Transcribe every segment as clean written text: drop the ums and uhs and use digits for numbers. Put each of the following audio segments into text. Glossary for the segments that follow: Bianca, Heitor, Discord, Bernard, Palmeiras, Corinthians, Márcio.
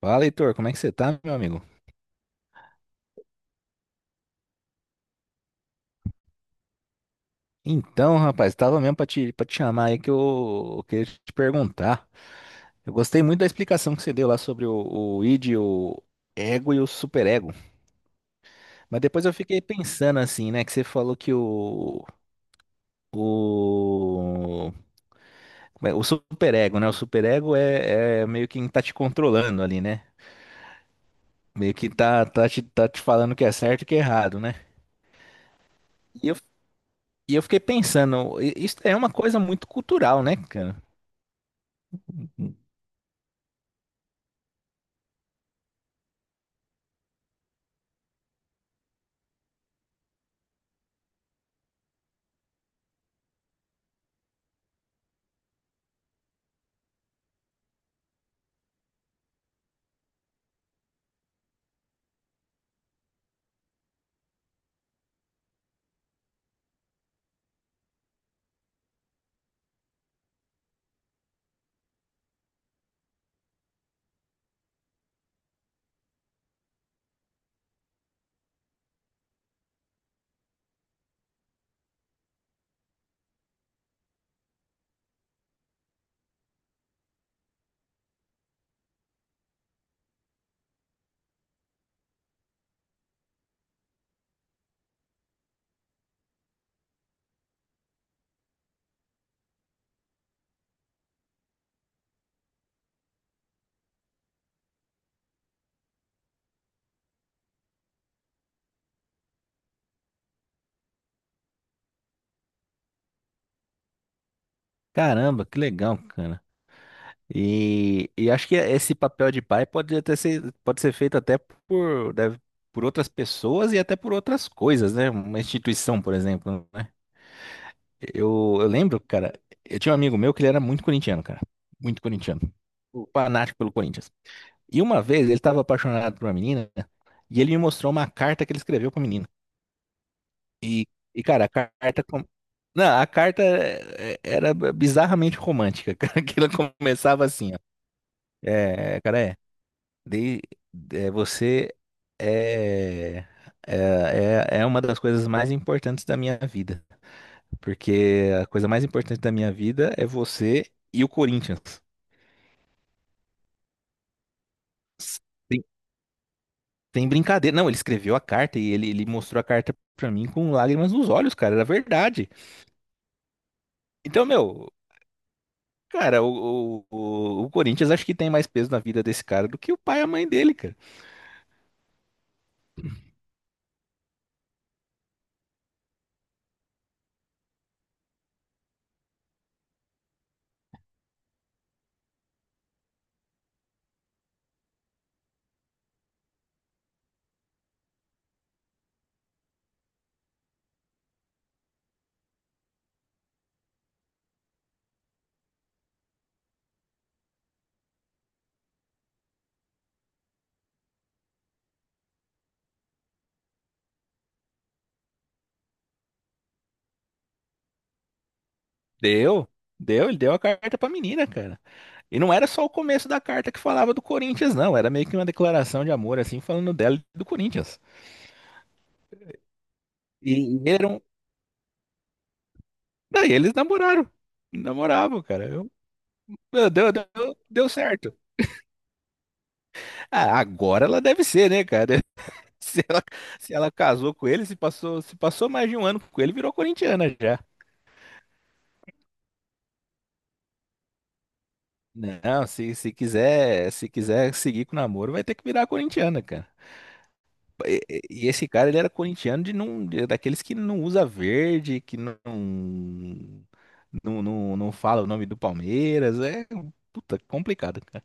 Fala, Heitor, como é que você tá, meu amigo? Então, rapaz, tava mesmo pra te chamar aí que eu queria te perguntar. Eu gostei muito da explicação que você deu lá sobre o id, o ego e o superego. Mas depois eu fiquei pensando assim, né, que você falou que o, como é? o superego é meio que tá te controlando ali, né? Meio que tá te falando o que é certo e o que é errado, né? E eu, e eu fiquei pensando, isso é uma coisa muito cultural, né, cara? Caramba, que legal, cara. E acho que esse papel de pai pode ser feito até por outras pessoas e até por outras coisas, né? Uma instituição, por exemplo, né? Eu lembro, cara, eu tinha um amigo meu que ele era muito corintiano, cara. Muito corintiano. Fanático pelo Corinthians. E uma vez ele estava apaixonado por uma menina e ele me mostrou uma carta que ele escreveu pra menina. E, e, cara. Não, a carta era bizarramente romântica, cara, que ela começava assim, ó. É, cara, é. De, você é, é, é uma das coisas mais importantes da minha vida. Porque a coisa mais importante da minha vida é você e o Corinthians. Tem, tem brincadeira. Não, ele escreveu a carta e ele mostrou a carta pra mim com lágrimas nos olhos, cara. Era verdade. Então, meu, cara, o Corinthians acho que tem mais peso na vida desse cara do que o pai e a mãe dele, cara. Deu, ele deu a carta pra menina, cara. E não era só o começo da carta que falava do Corinthians, não. Era meio que uma declaração de amor, assim, falando dela e do Corinthians. E eram. Daí eles namoraram. Namoravam, cara. Eu. Meu Deus. Deu certo. Ah, agora ela deve ser, né, cara? Se ela, se ela casou com ele, se passou mais de um ano com ele, virou corintiana já. Não, se quiser seguir com o namoro, vai ter que virar corintiana, cara. E e esse cara, ele era corintiano de não, de- daqueles que não usa verde, que não fala o nome do Palmeiras. Puta, complicado, cara.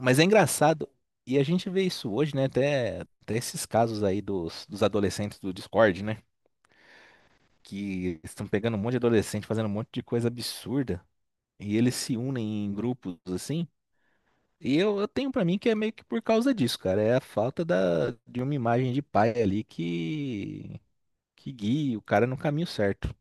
Mas é engraçado. E a gente vê isso hoje, né? Até esses casos aí dos adolescentes do Discord, né? Que estão pegando um monte de adolescente, fazendo um monte de coisa absurda. E eles se unem em grupos assim. E eu tenho pra mim que é meio que por causa disso, cara. É a falta de uma imagem de pai ali que guie o cara no caminho certo.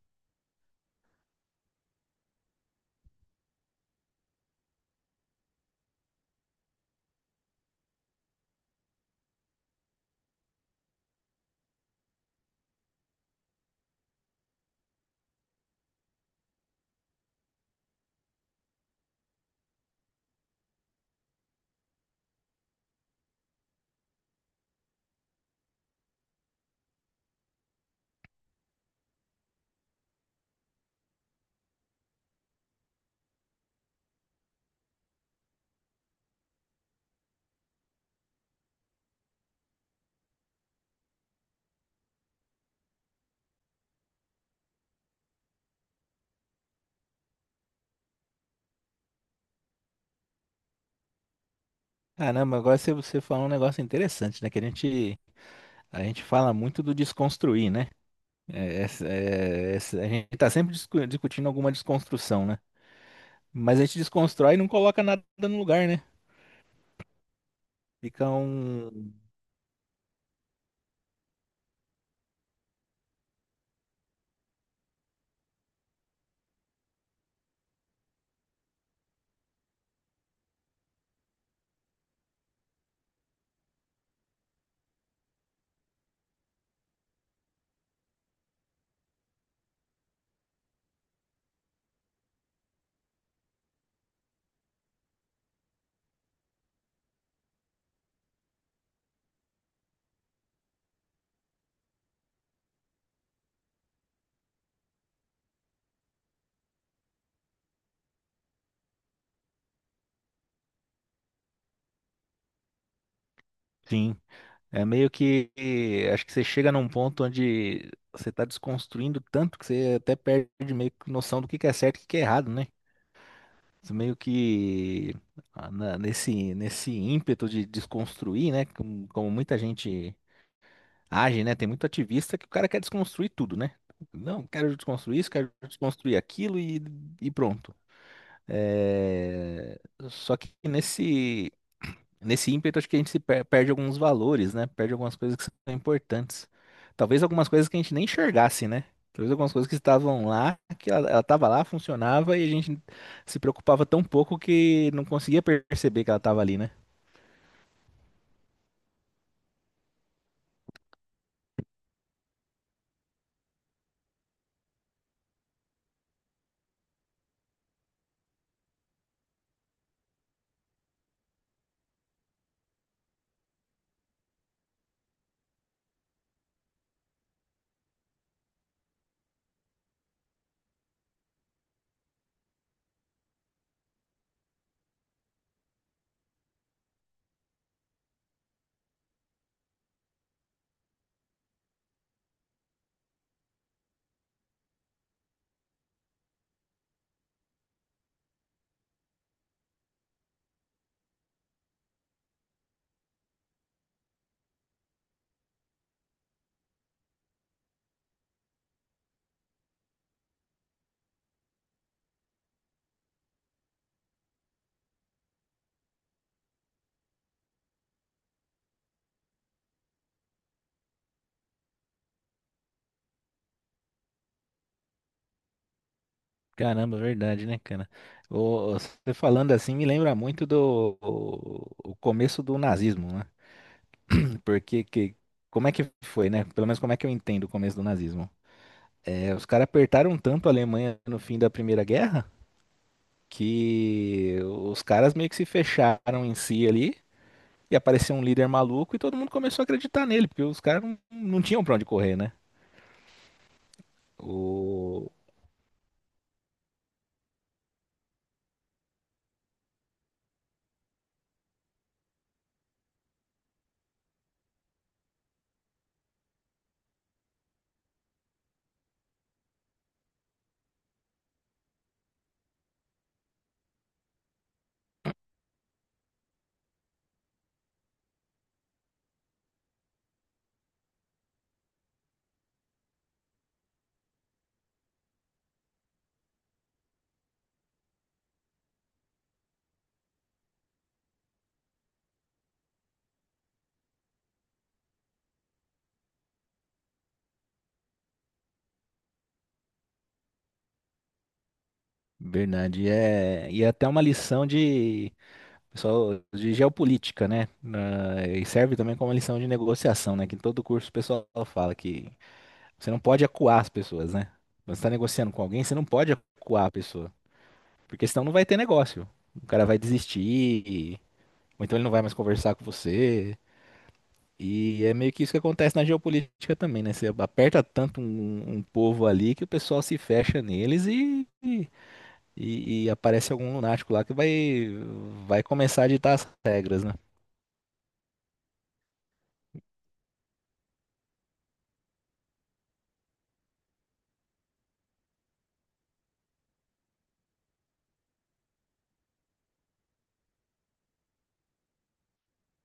Caramba, agora você falou um negócio interessante, né? Que a gente fala muito do desconstruir, né? A gente tá sempre discutindo alguma desconstrução, né? Mas a gente desconstrói e não coloca nada no lugar, né? Fica um. Sim. É meio que. Acho que você chega num ponto onde você tá desconstruindo tanto que você até perde meio que noção do que é certo e o que que é errado, né? Meio que nesse ímpeto de desconstruir, né? Como muita gente age, né? Tem muito ativista que o cara quer desconstruir tudo, né? Não, quero desconstruir isso, quero desconstruir aquilo e pronto. É, Só que nesse Nesse ímpeto, acho que a gente se perde alguns valores, né? Perde algumas coisas que são importantes. Talvez algumas coisas que a gente nem enxergasse, né? Talvez algumas coisas que estavam lá, que ela estava lá, funcionava e a gente se preocupava tão pouco que não conseguia perceber que ela estava ali, né? Caramba, verdade, né, cara? Ô, você falando assim me lembra muito do o começo do nazismo, né? Porque que, como é que foi, né? Pelo menos como é que eu entendo o começo do nazismo. Os caras apertaram tanto a Alemanha no fim da Primeira Guerra que os caras meio que se fecharam em si ali e apareceu um líder maluco e todo mundo começou a acreditar nele, porque os caras não tinham pra onde correr, né? O Bernard é até uma lição de pessoal de geopolítica, né? E serve também como lição de negociação, né? Que em todo curso o pessoal fala que você não pode acuar as pessoas, né? Quando você está negociando com alguém, você não pode acuar a pessoa, porque senão não vai ter negócio. O cara vai desistir, ou então ele não vai mais conversar com você. E é meio que isso que acontece na geopolítica também, né? Você aperta tanto um povo ali que o pessoal se fecha neles e aparece algum lunático lá que vai começar a ditar as regras, né?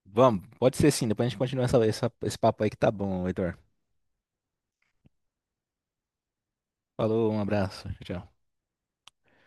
Vamos, pode ser sim, depois a gente continua esse papo aí que tá bom, Heitor. Falou, um abraço, tchau. Tchau.